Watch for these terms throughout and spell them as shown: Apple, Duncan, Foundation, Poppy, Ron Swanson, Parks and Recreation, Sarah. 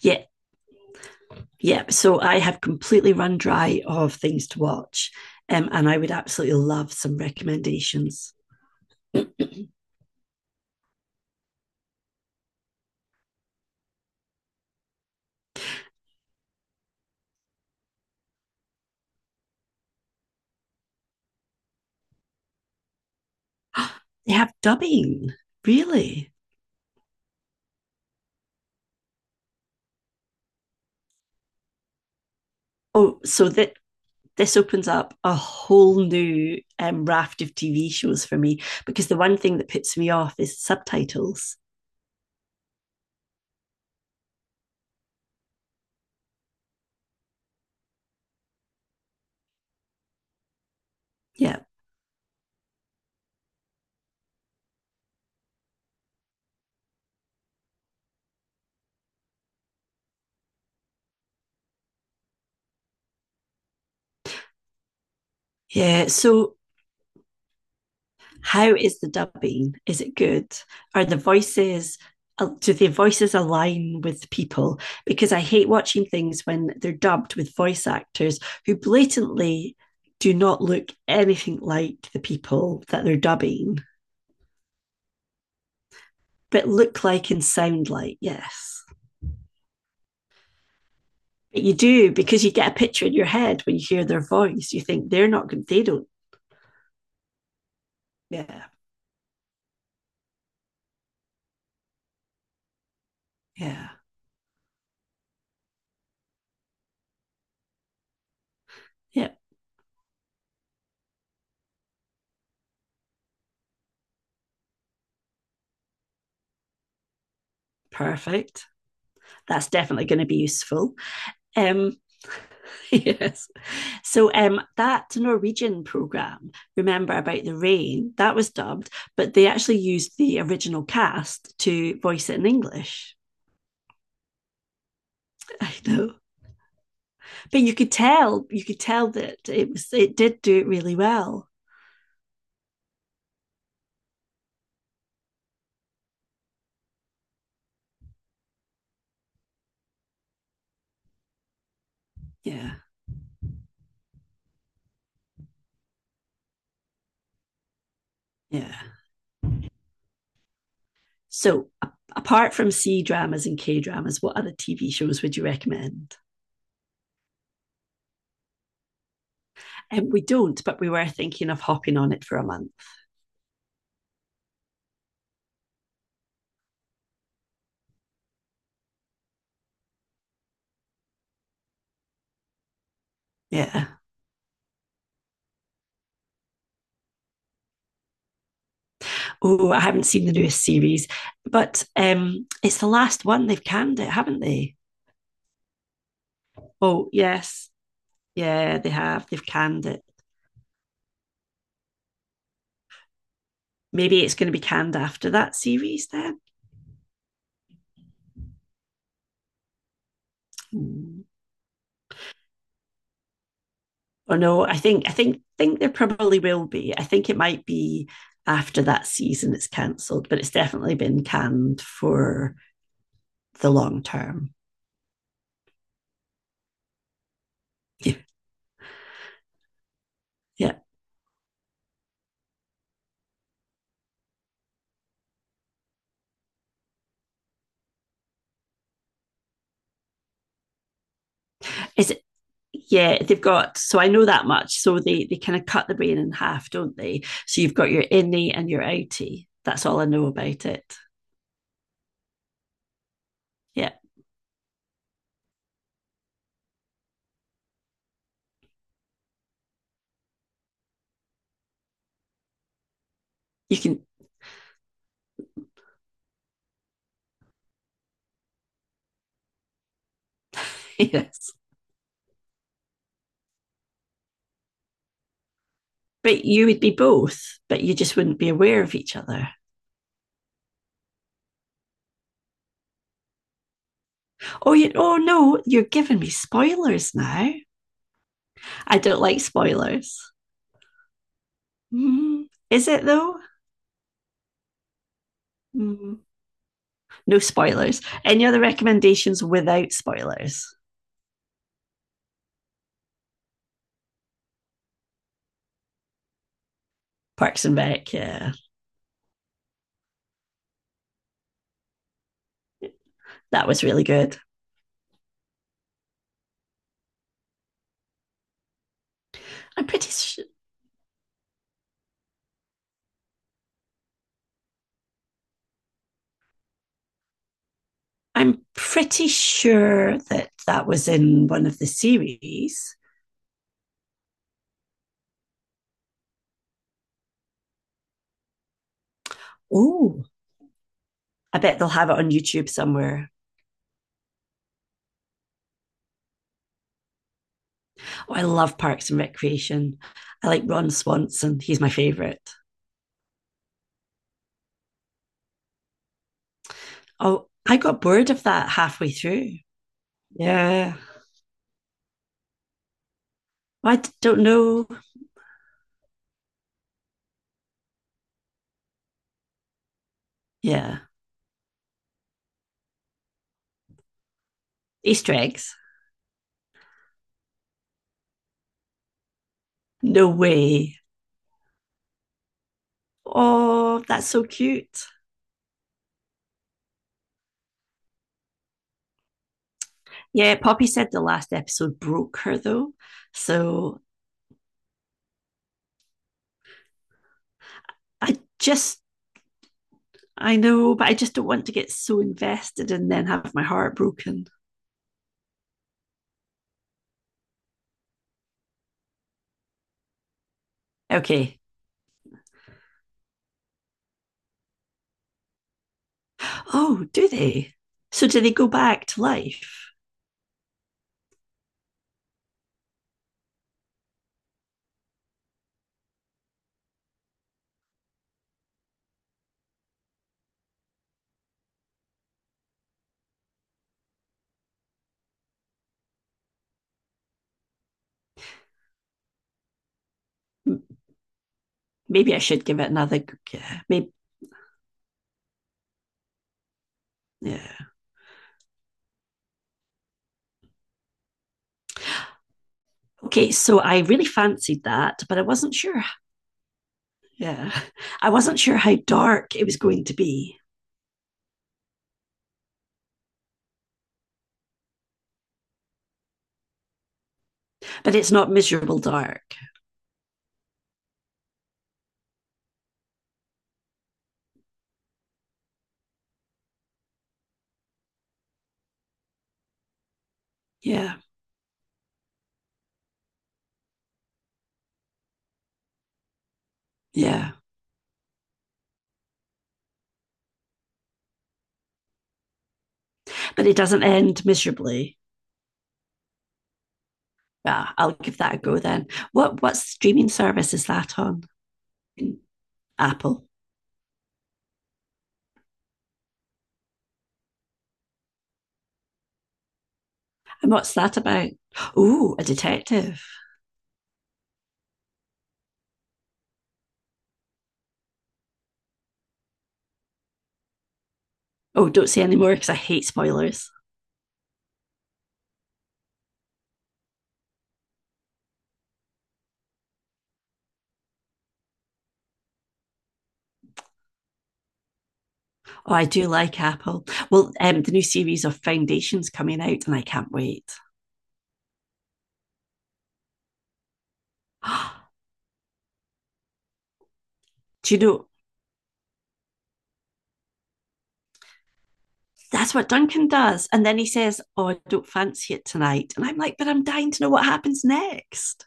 Yeah, yeah. So I have completely run dry of things to watch, and I would absolutely love some recommendations. Mm, they have dubbing, really. Oh, so that this opens up a whole new raft of TV shows for me because the one thing that puts me off is subtitles. Yeah. Yeah, so how is the dubbing? Is it good? Are the voices do the voices align with people? Because I hate watching things when they're dubbed with voice actors who blatantly do not look anything like the people that they're dubbing, but look like and sound like, yes. But you do because you get a picture in your head when you hear their voice. You think they're not good, they don't. Yeah, yeah, yeah, perfect. That's definitely going to be useful. Um, yes. So that Norwegian program, remember, about the rain, that was dubbed, but they actually used the original cast to voice it in English. I know, but you could tell that it did do it really well. Yeah, yeah. So apart from C dramas and K dramas, what other TV shows would you recommend? And we don't, but we were thinking of hopping on it for a month. Yeah. Oh, I haven't seen the newest series, but it's the last one. They've canned it, haven't they? Oh, yes. Yeah, they have. They've canned it. Maybe it's going to be canned after that series then. Hmm. Oh no, I think I think there probably will be. I think it might be after that season it's cancelled, but it's definitely been canned for the long term. Yeah. Yeah. Is it yeah, they've got, so I know that much. So they kind of cut the brain in half, don't they? So you've got your innie and your outie. That's all I know about it. Yeah. You can yes. But you would be both, but you just wouldn't be aware of each other. Oh you oh no, you're giving me spoilers now. I don't like spoilers. Mm, is it though? Mm, no spoilers. Any other recommendations without spoilers? Parks and Rec, yeah, that was really good. I'm pretty. Sh- I'm pretty sure that that was in one of the series. Oh, I bet they'll have it on YouTube somewhere. Oh, I love Parks and Recreation. I like Ron Swanson. He's my favorite. Oh, I got bored of that halfway through. Yeah. Don't know. Yeah. Easter eggs. No way. Oh, that's so cute. Yeah, Poppy said the last episode broke her though. So I just, I know, but I just don't want to get so invested and then have my heart broken. Okay. Oh, do they? So do they go back to life? Maybe I should give it another. Yeah, maybe. Yeah. Okay. So I really fancied that, but I wasn't sure. Yeah. I wasn't sure how dark it was going to be, but it's not miserable dark. Yeah. Yeah, but it doesn't end miserably. Yeah, I'll give that a go then. What streaming service is that on? Apple. And what's that about? Oh, a detective. Oh, don't say any more because I hate spoilers. Oh, I do like Apple. Well, the new series of Foundations coming out, and I can't wait. do you know that's what Duncan does? And then he says, "Oh, I don't fancy it tonight," and I'm like, "But I'm dying to know what happens next."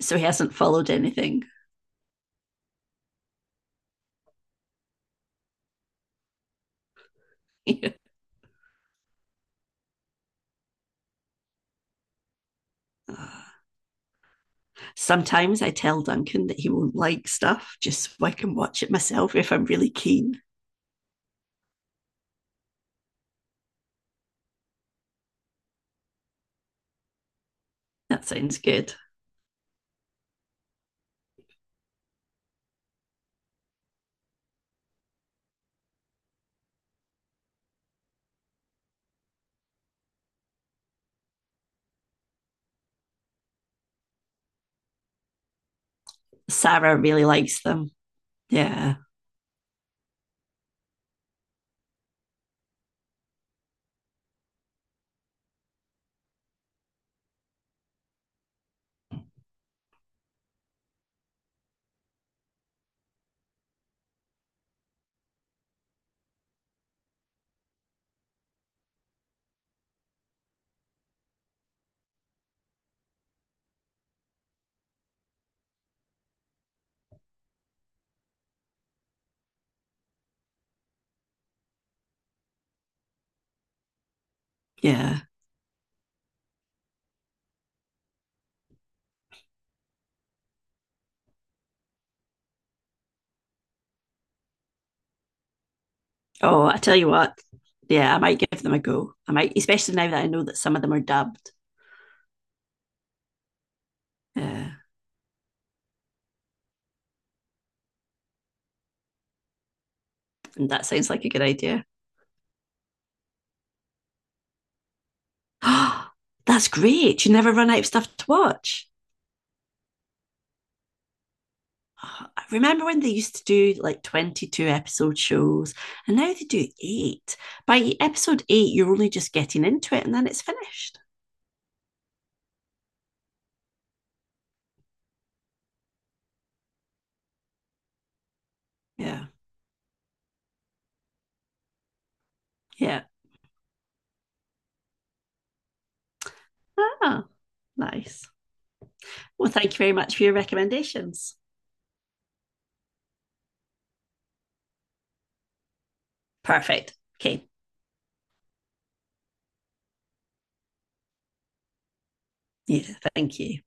So he hasn't followed anything. Oh, sometimes I tell Duncan that he won't like stuff just so I can watch it myself if I'm really keen. That sounds good. Sarah really likes them. Yeah, yeah. Oh, I tell you what. Yeah, I might give them a go. I might, especially now that I know that some of them are dubbed. Yeah, and that sounds like a good idea. That's great. You never run out of stuff to watch. Oh, I remember when they used to do like 22 episode shows, and now they do eight. By episode eight, you're only just getting into it, and then it's finished. Yeah. Yeah. Ah, nice. Well, thank you very much for your recommendations. Perfect. Okay. Yeah. Thank you.